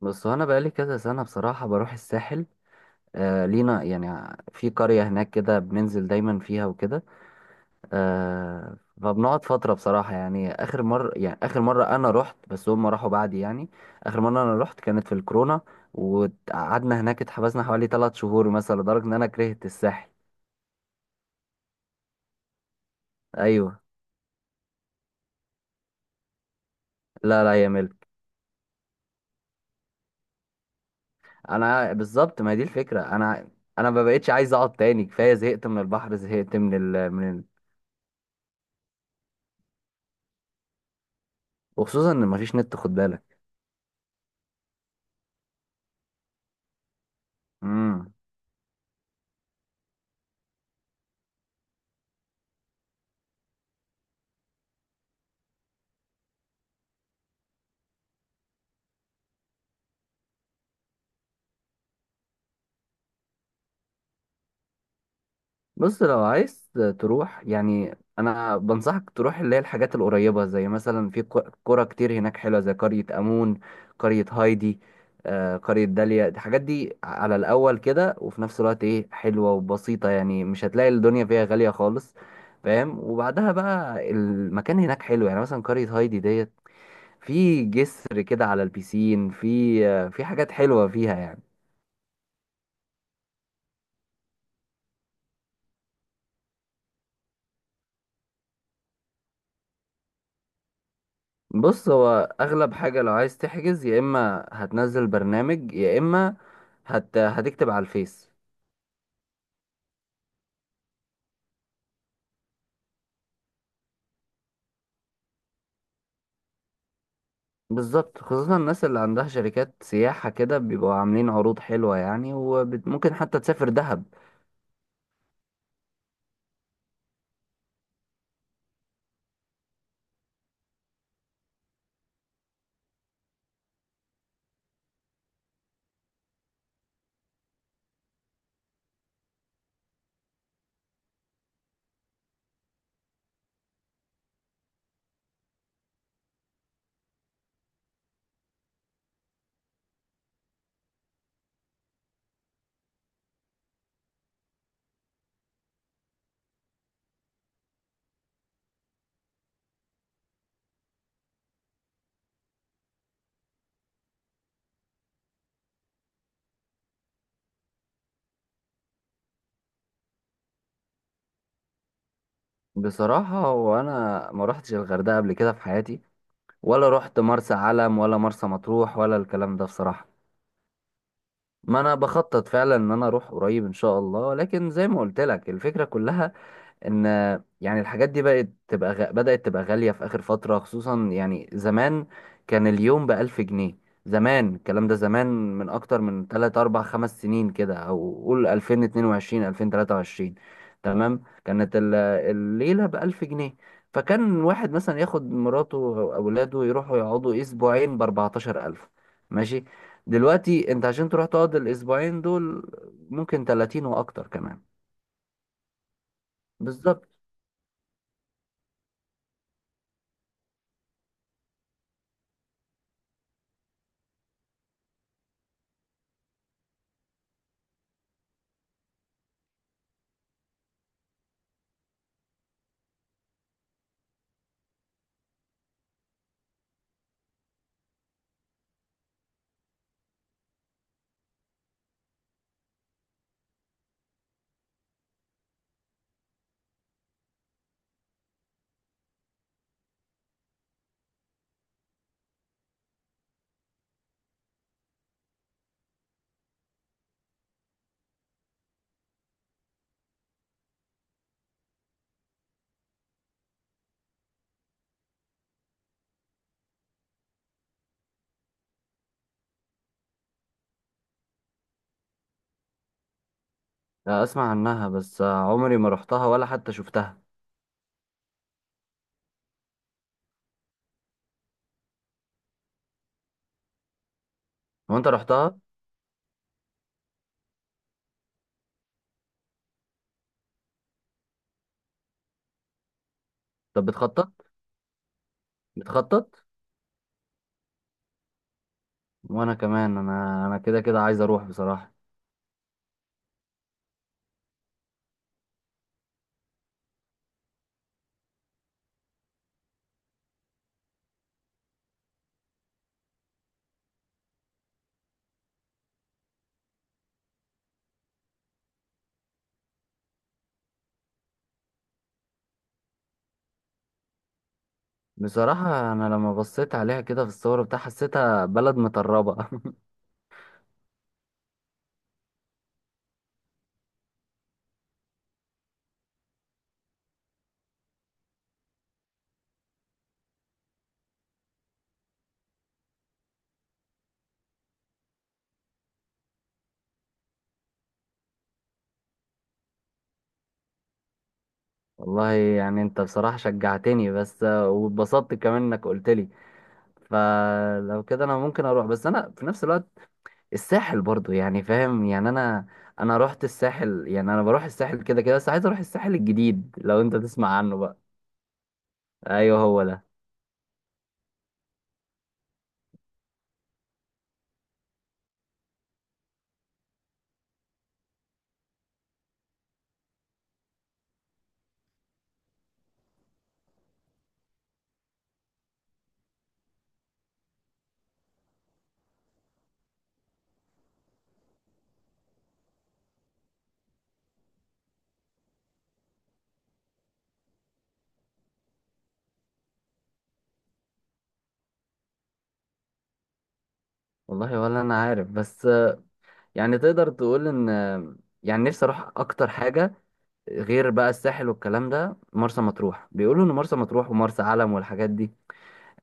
بس هو انا بقالي كذا سنه بصراحه بروح الساحل. آه، لينا يعني في قريه هناك كده بننزل دايما فيها وكده. آه، فبنقعد فتره بصراحه، يعني اخر مره انا رحت، بس هم راحوا بعدي، يعني اخر مره انا رحت كانت في الكورونا. وقعدنا هناك اتحبسنا حوالي 3 شهور مثلا، لدرجه ان انا كرهت الساحل. ايوه. لا لا يا ملك. انا بالظبط، ما هي دي الفكره انا ما بقتش عايز اقعد تاني، كفايه، زهقت من البحر، زهقت وخصوصا ان مفيش نت، خد بالك. امم. بص، لو عايز تروح، يعني انا بنصحك تروح اللي هي الحاجات القريبه، زي مثلا في قرى كتير هناك حلوه، زي قريه امون، قريه هايدي، قريه داليا. الحاجات دي على الاول كده، وفي نفس الوقت ايه، حلوه وبسيطه، يعني مش هتلاقي الدنيا فيها غاليه خالص. فاهم؟ وبعدها بقى المكان هناك حلو، يعني مثلا قريه هايدي ديت، في جسر كده على البيسين، في حاجات حلوه فيها يعني. بص، هو اغلب حاجة لو عايز تحجز، يا اما هتنزل برنامج، يا اما هتكتب على الفيس. بالظبط، خصوصا الناس اللي عندها شركات سياحة كده بيبقوا عاملين عروض حلوة يعني، وممكن حتى تسافر دهب. بصراحة وانا ما روحتش الغردقة قبل كده في حياتي، ولا روحت مرسى علم، ولا مرسى مطروح، ولا الكلام ده بصراحة. ما انا بخطط فعلا ان انا اروح قريب ان شاء الله، لكن زي ما قلت لك الفكرة كلها ان يعني الحاجات دي بقت تبقى بدأت تبقى غالية في آخر فترة خصوصا. يعني زمان كان اليوم بألف جنيه، زمان الكلام ده، زمان، من أكتر من 3 4 5 سنين كده، أو قول 2022، 2023. تمام، كانت الليلة بألف جنيه. فكان واحد مثلا ياخد مراته أو أولاده يروحوا يقعدوا أسبوعين بأربعتاشر ألف. ماشي. دلوقتي أنت عشان تروح تقعد الأسبوعين دول ممكن 30 وأكتر كمان. بالظبط. لا، اسمع عنها بس عمري ما رحتها ولا حتى شفتها. هو انت رحتها؟ طب بتخطط؟ بتخطط؟ وانا كمان، انا كده كده عايز اروح بصراحة. بصراحة انا لما بصيت عليها كده في الصور بتاع، حسيتها بلد متربة. والله يعني انت بصراحة شجعتني، بس واتبسطت كمان انك قلت لي. فلو كده انا ممكن اروح، بس انا في نفس الوقت الساحل برضو يعني، فاهم يعني؟ انا رحت الساحل، يعني انا بروح الساحل كده كده، بس عايز اروح الساحل الجديد لو انت تسمع عنه بقى. ايوه هو ده. والله ولا انا عارف، بس يعني تقدر تقول ان يعني نفسي اروح اكتر حاجه غير بقى الساحل والكلام ده، مرسى مطروح. بيقولوا ان مرسى مطروح ومرسى علم والحاجات دي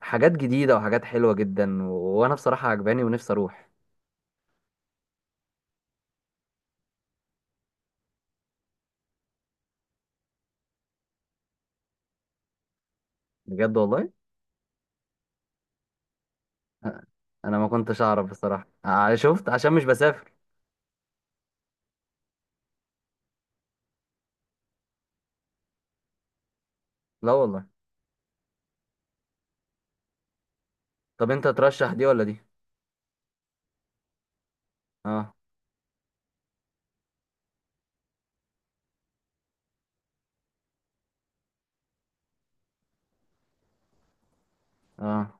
حاجات جديده وحاجات حلوه جدا، وانا بصراحه عجباني ونفسي اروح. بجد والله. أ- انا ما كنتش اعرف بصراحه، شفت عشان مش بسافر. لا والله. طب انت ترشح دي ولا دي؟ اه. اه،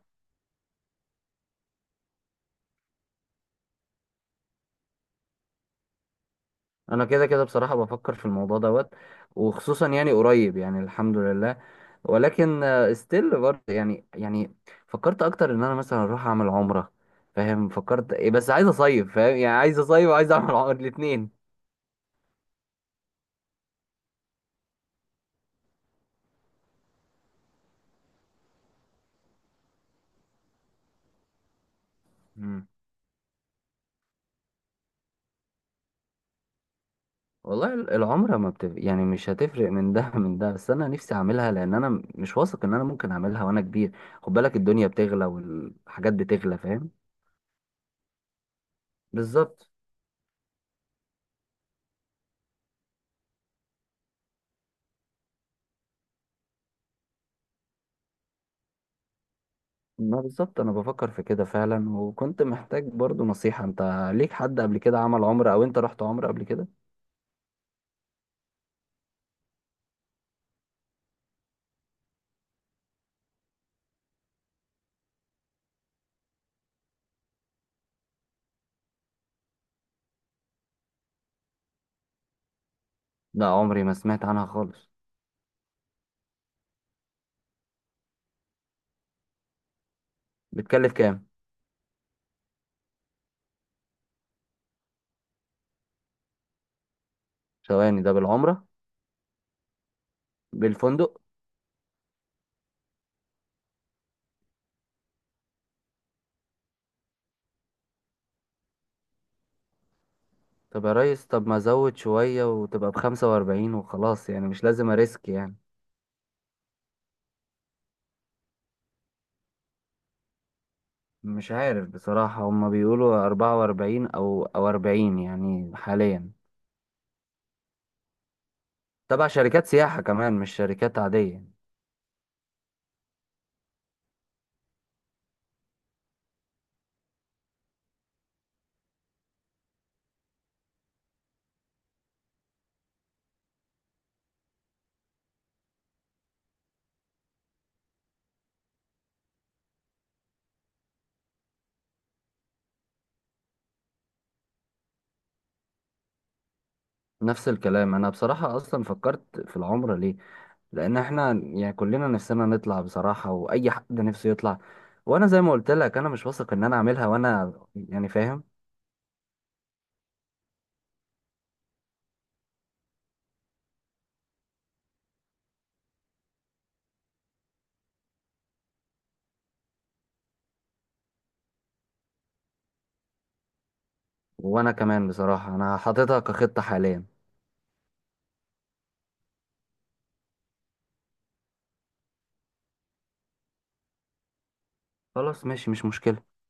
انا كده كده بصراحه بفكر في الموضوع دوت، وخصوصا يعني قريب، يعني الحمد لله. ولكن ستيل برضه يعني فكرت اكتر ان انا مثلا اروح اعمل عمره. فاهم؟ فكرت إيه، بس عايز اصيف، فاهم يعني، عايز اصيف وعايز اعمل عمره الاثنين. مم. والله العمره ما بتف... يعني مش هتفرق من ده من ده، بس انا نفسي اعملها لان انا مش واثق ان انا ممكن اعملها وانا كبير. خد بالك الدنيا بتغلى والحاجات بتغلى، فاهم؟ بالظبط. ما بالظبط انا بفكر في كده فعلا، وكنت محتاج برضو نصيحة. انت ليك حد قبل كده عمل عمرة، او انت رحت عمرة قبل كده؟ لا عمري ما سمعت عنها خالص. بتكلف كام؟ ثواني، ده بالعمرة؟ بالفندق؟ طب يا ريس، طب ما ازود شوية وتبقى بخمسة واربعين وخلاص، يعني مش لازم اريسك يعني. مش عارف بصراحة، هما بيقولوا 44 أو 40 يعني حاليا. تبع شركات سياحة كمان، مش شركات عادية. نفس الكلام. أنا بصراحة أصلا فكرت في العمرة ليه؟ لأن إحنا يعني كلنا نفسنا نطلع بصراحة، وأي حد نفسه يطلع. وأنا زي ما قلت لك أنا مش واثق إن أنا أعملها وأنا يعني، فاهم؟ وانا كمان بصراحة انا حاططها كخطة حاليا. خلاص ماشي، مش مشكلة.